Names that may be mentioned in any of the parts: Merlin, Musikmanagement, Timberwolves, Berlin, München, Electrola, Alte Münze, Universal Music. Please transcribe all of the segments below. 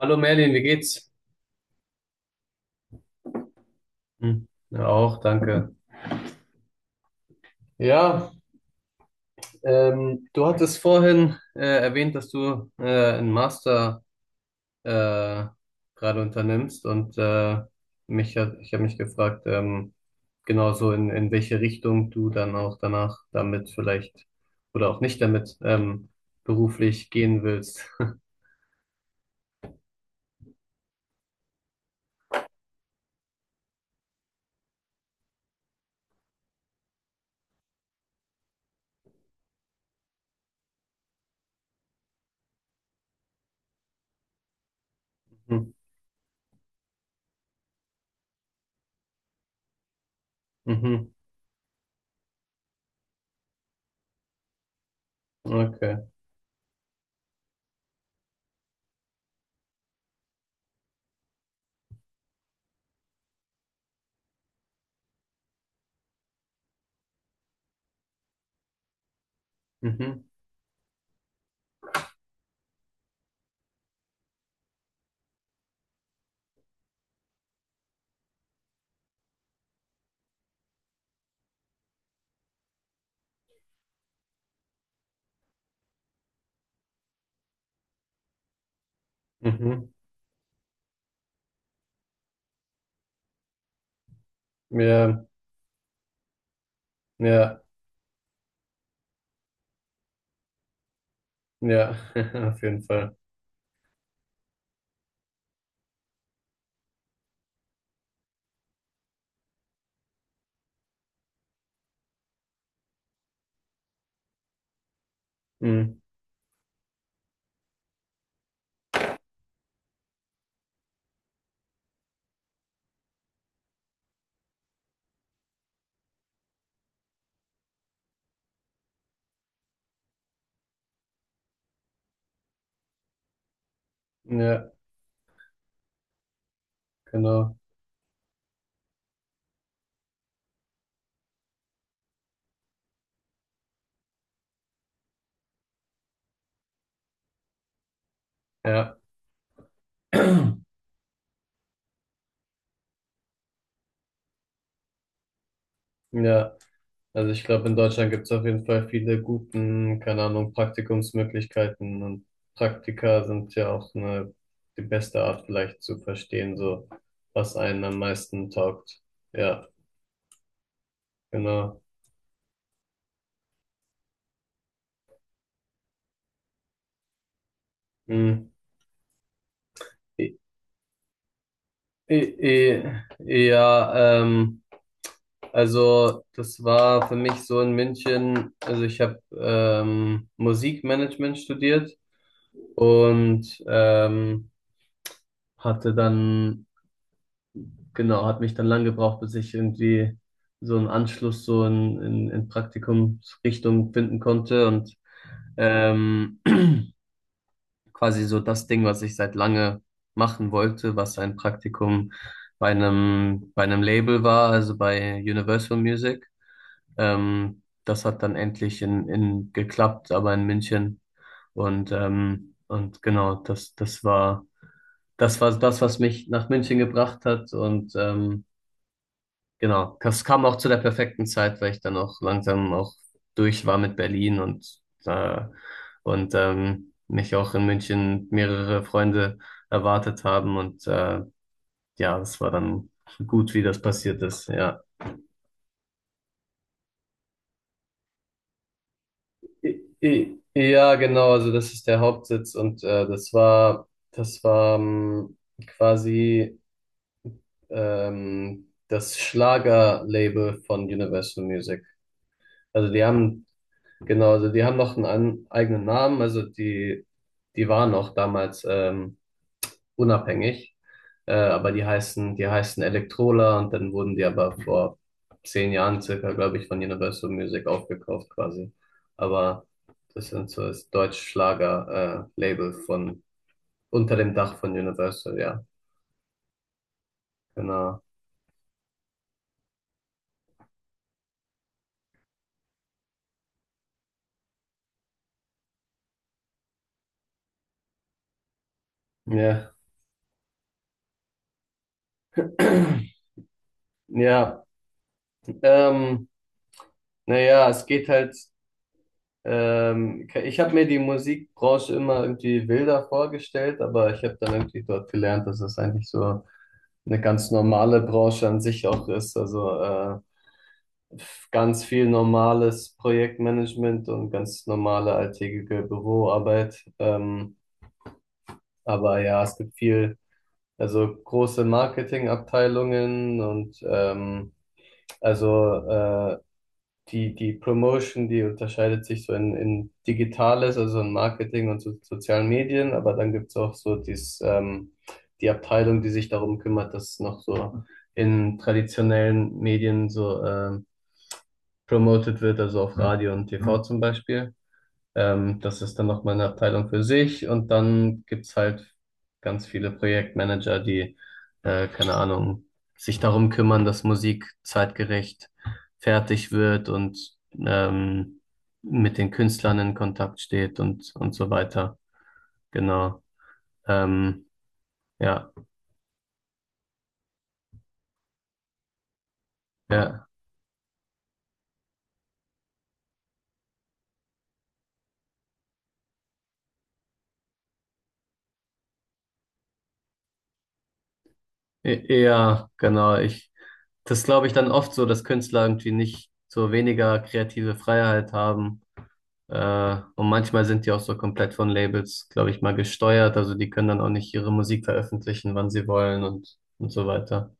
Hallo Merlin, wie geht's? Hm, ja, auch, danke. Ja, Du hattest vorhin erwähnt, dass du einen Master äh, gerade unternimmst und ich habe mich gefragt, genau so in welche Richtung du dann auch danach damit vielleicht oder auch nicht damit beruflich gehen willst. Hm, mhm, okay. Mhm, mhm. Ja, ja, ja, auf jeden Fall. Mhm, ja, genau. Ja, ja. Also ich glaube, in Deutschland gibt es auf jeden Fall viele guten, keine Ahnung, Praktikumsmöglichkeiten, und Praktika sind ja auch eine, die beste Art vielleicht zu verstehen, so was einen am meisten taugt. Ja, genau. Hm. I- Ja, ähm, also das war für mich so in München. Also ich habe Musikmanagement studiert und hatte dann genau, hat mich dann lang gebraucht, bis ich irgendwie so einen Anschluss so in Praktikumsrichtung finden konnte und ähm, quasi so das Ding, was ich seit lange machen wollte, was ein Praktikum bei einem Label war, also bei Universal Music. Das hat dann endlich in geklappt, aber in München. Und genau, das war, das war das, was mich nach München gebracht hat, und genau, das kam auch zu der perfekten Zeit, weil ich dann auch langsam auch durch war mit Berlin und äh, mich auch in München mehrere Freunde erwartet haben und ja, das war dann gut, wie das passiert ist. Ja, ja, genau. Also das ist der Hauptsitz und das war quasi das Schlagerlabel von Universal Music. Also die haben Genau, also die haben noch eigenen Namen, also die, die waren noch damals unabhängig, aber die heißen Electrola, und dann wurden die aber vor zehn Jahren circa, glaube ich, von Universal Music aufgekauft quasi. Aber das sind so das Deutschschlager-Label von unter dem Dach von Universal, ja, genau. Ja, ja, ähm, naja, es geht halt. Ich habe mir die Musikbranche immer irgendwie wilder vorgestellt, aber ich habe dann irgendwie dort gelernt, dass es eigentlich so eine ganz normale Branche an sich auch ist. Ganz viel normales Projektmanagement und ganz normale alltägliche Büroarbeit. Aber ja, es gibt viel, also große Marketingabteilungen und ähm, also äh, die Promotion, die unterscheidet sich so in Digitales, also in Marketing und so, sozialen Medien, aber dann gibt's auch so die Abteilung, die sich darum kümmert, dass noch so in traditionellen Medien so promoted wird, also auf Radio und TV, mhm, zum Beispiel. Das ist dann nochmal eine Abteilung für sich, und dann gibt's halt ganz viele Projektmanager, die, keine Ahnung, sich darum kümmern, dass Musik zeitgerecht fertig wird und ähm, mit den Künstlern in Kontakt steht, und so weiter. Genau. Ähm, ja, ja, ja, genau. Ich, das glaube ich dann oft so, dass Künstler irgendwie nicht so weniger kreative Freiheit haben. Und manchmal sind die auch so komplett von Labels, glaube ich, mal gesteuert. Also die können dann auch nicht ihre Musik veröffentlichen, wann sie wollen, und so weiter.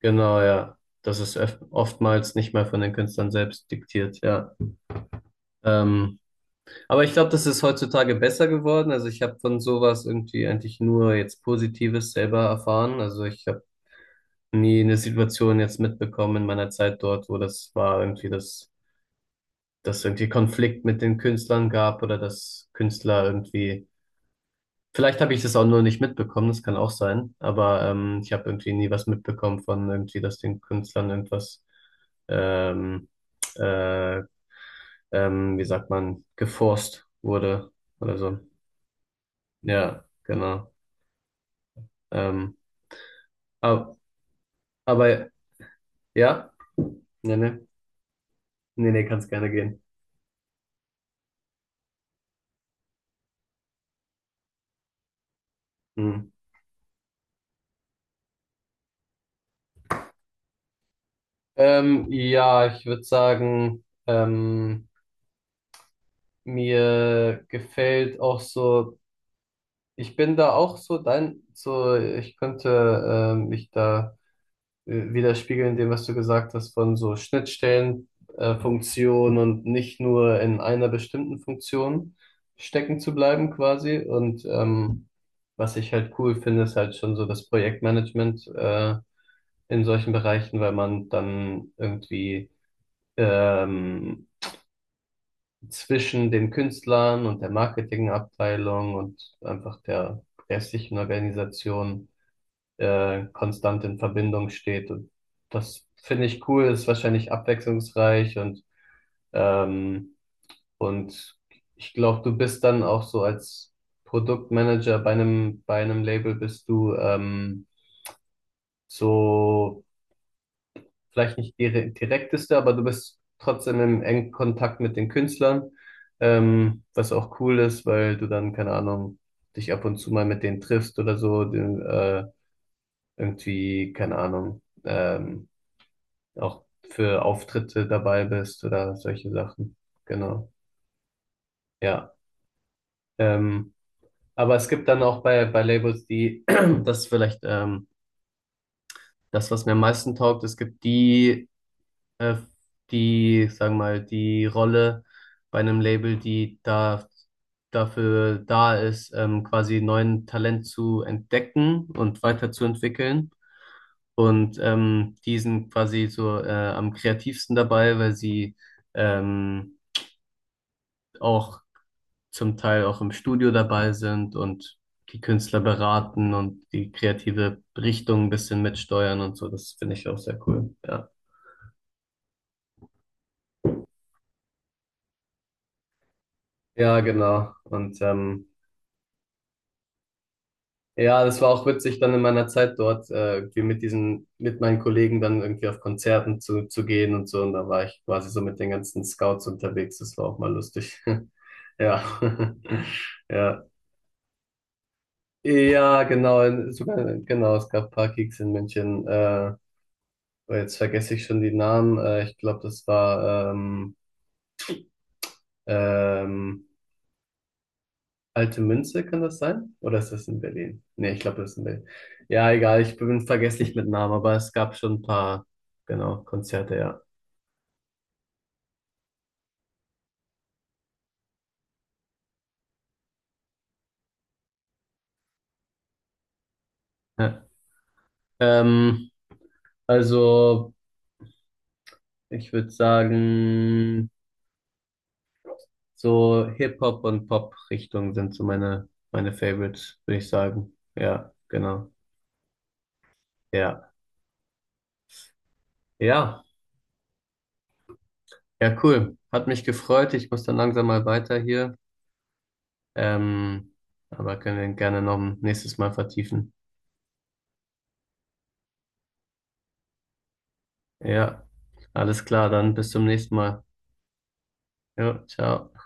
Genau, ja. Das ist oftmals nicht mal von den Künstlern selbst diktiert, ja. Ähm, aber ich glaube, das ist heutzutage besser geworden. Also ich habe von sowas irgendwie eigentlich nur jetzt Positives selber erfahren. Also ich habe nie eine Situation jetzt mitbekommen in meiner Zeit dort, wo das war irgendwie, dass irgendwie Konflikt mit den Künstlern gab oder dass Künstler irgendwie. Vielleicht habe ich das auch nur nicht mitbekommen, das kann auch sein, aber ich habe irgendwie nie was mitbekommen von irgendwie, dass den Künstlern irgendwas, ähm, äh, wie sagt man, geforst wurde oder so. Ja, genau. Ähm, aber, aber ja, nee, nee, nee, nee, kann's gerne gehen. Hm. Ja, ich würde sagen, mir gefällt auch so. Ich bin da auch so dein, so ich könnte mich da widerspiegeln in dem, was du gesagt hast, von so Schnittstellen, Funktionen und nicht nur in einer bestimmten Funktion stecken zu bleiben quasi. Und was ich halt cool finde, ist halt schon so das Projektmanagement in solchen Bereichen, weil man dann irgendwie ähm, zwischen den Künstlern und der Marketingabteilung und einfach der restlichen Organisation konstant in Verbindung steht. Und das finde ich cool, ist wahrscheinlich abwechslungsreich und, ähm, und ich glaube, du bist dann auch so als Produktmanager bei einem Label bist du so vielleicht nicht direkteste, aber du bist trotzdem im engen Kontakt mit den Künstlern, was auch cool ist, weil du dann, keine Ahnung, dich ab und zu mal mit denen triffst oder so, den, irgendwie, keine Ahnung, auch für Auftritte dabei bist oder solche Sachen. Genau, ja. Ähm, aber es gibt dann auch bei Labels, die, das ist vielleicht das, was mir am meisten taugt. Es gibt die, äh, die, sagen wir mal, die Rolle bei einem Label, die da dafür da ist, quasi neuen Talent zu entdecken und weiterzuentwickeln. Und die sind quasi so am kreativsten dabei, weil sie ähm, auch zum Teil auch im Studio dabei sind und die Künstler beraten und die kreative Richtung ein bisschen mitsteuern und so. Das finde ich auch sehr cool. Ja, ja, genau. Ja, das war auch witzig, dann in meiner Zeit dort irgendwie mit diesen, mit meinen Kollegen dann irgendwie auf Konzerten zu gehen und so. Und da war ich quasi so mit den ganzen Scouts unterwegs. Das war auch mal lustig. Ja. Ja. Ja, genau. Sogar, genau, es gab ein paar Gigs in München. Oh, jetzt vergesse ich schon die Namen. Ich glaube, das war ähm, Alte Münze, kann das sein? Oder ist das in Berlin? Nee, ich glaube, das ist in Berlin. Ja, egal, ich bin vergesslich mit Namen, aber es gab schon ein paar, genau, Konzerte, ja. Ja. Ähm, also, ich würde sagen, so Hip-Hop und Pop-Richtung sind so meine Favorites, würde ich sagen. Ja, genau. Ja, ja, ja, cool. Hat mich gefreut. Ich muss dann langsam mal weiter hier. Ähm, aber können wir gerne noch ein nächstes Mal vertiefen. Ja, alles klar, dann bis zum nächsten Mal. Jo, ciao.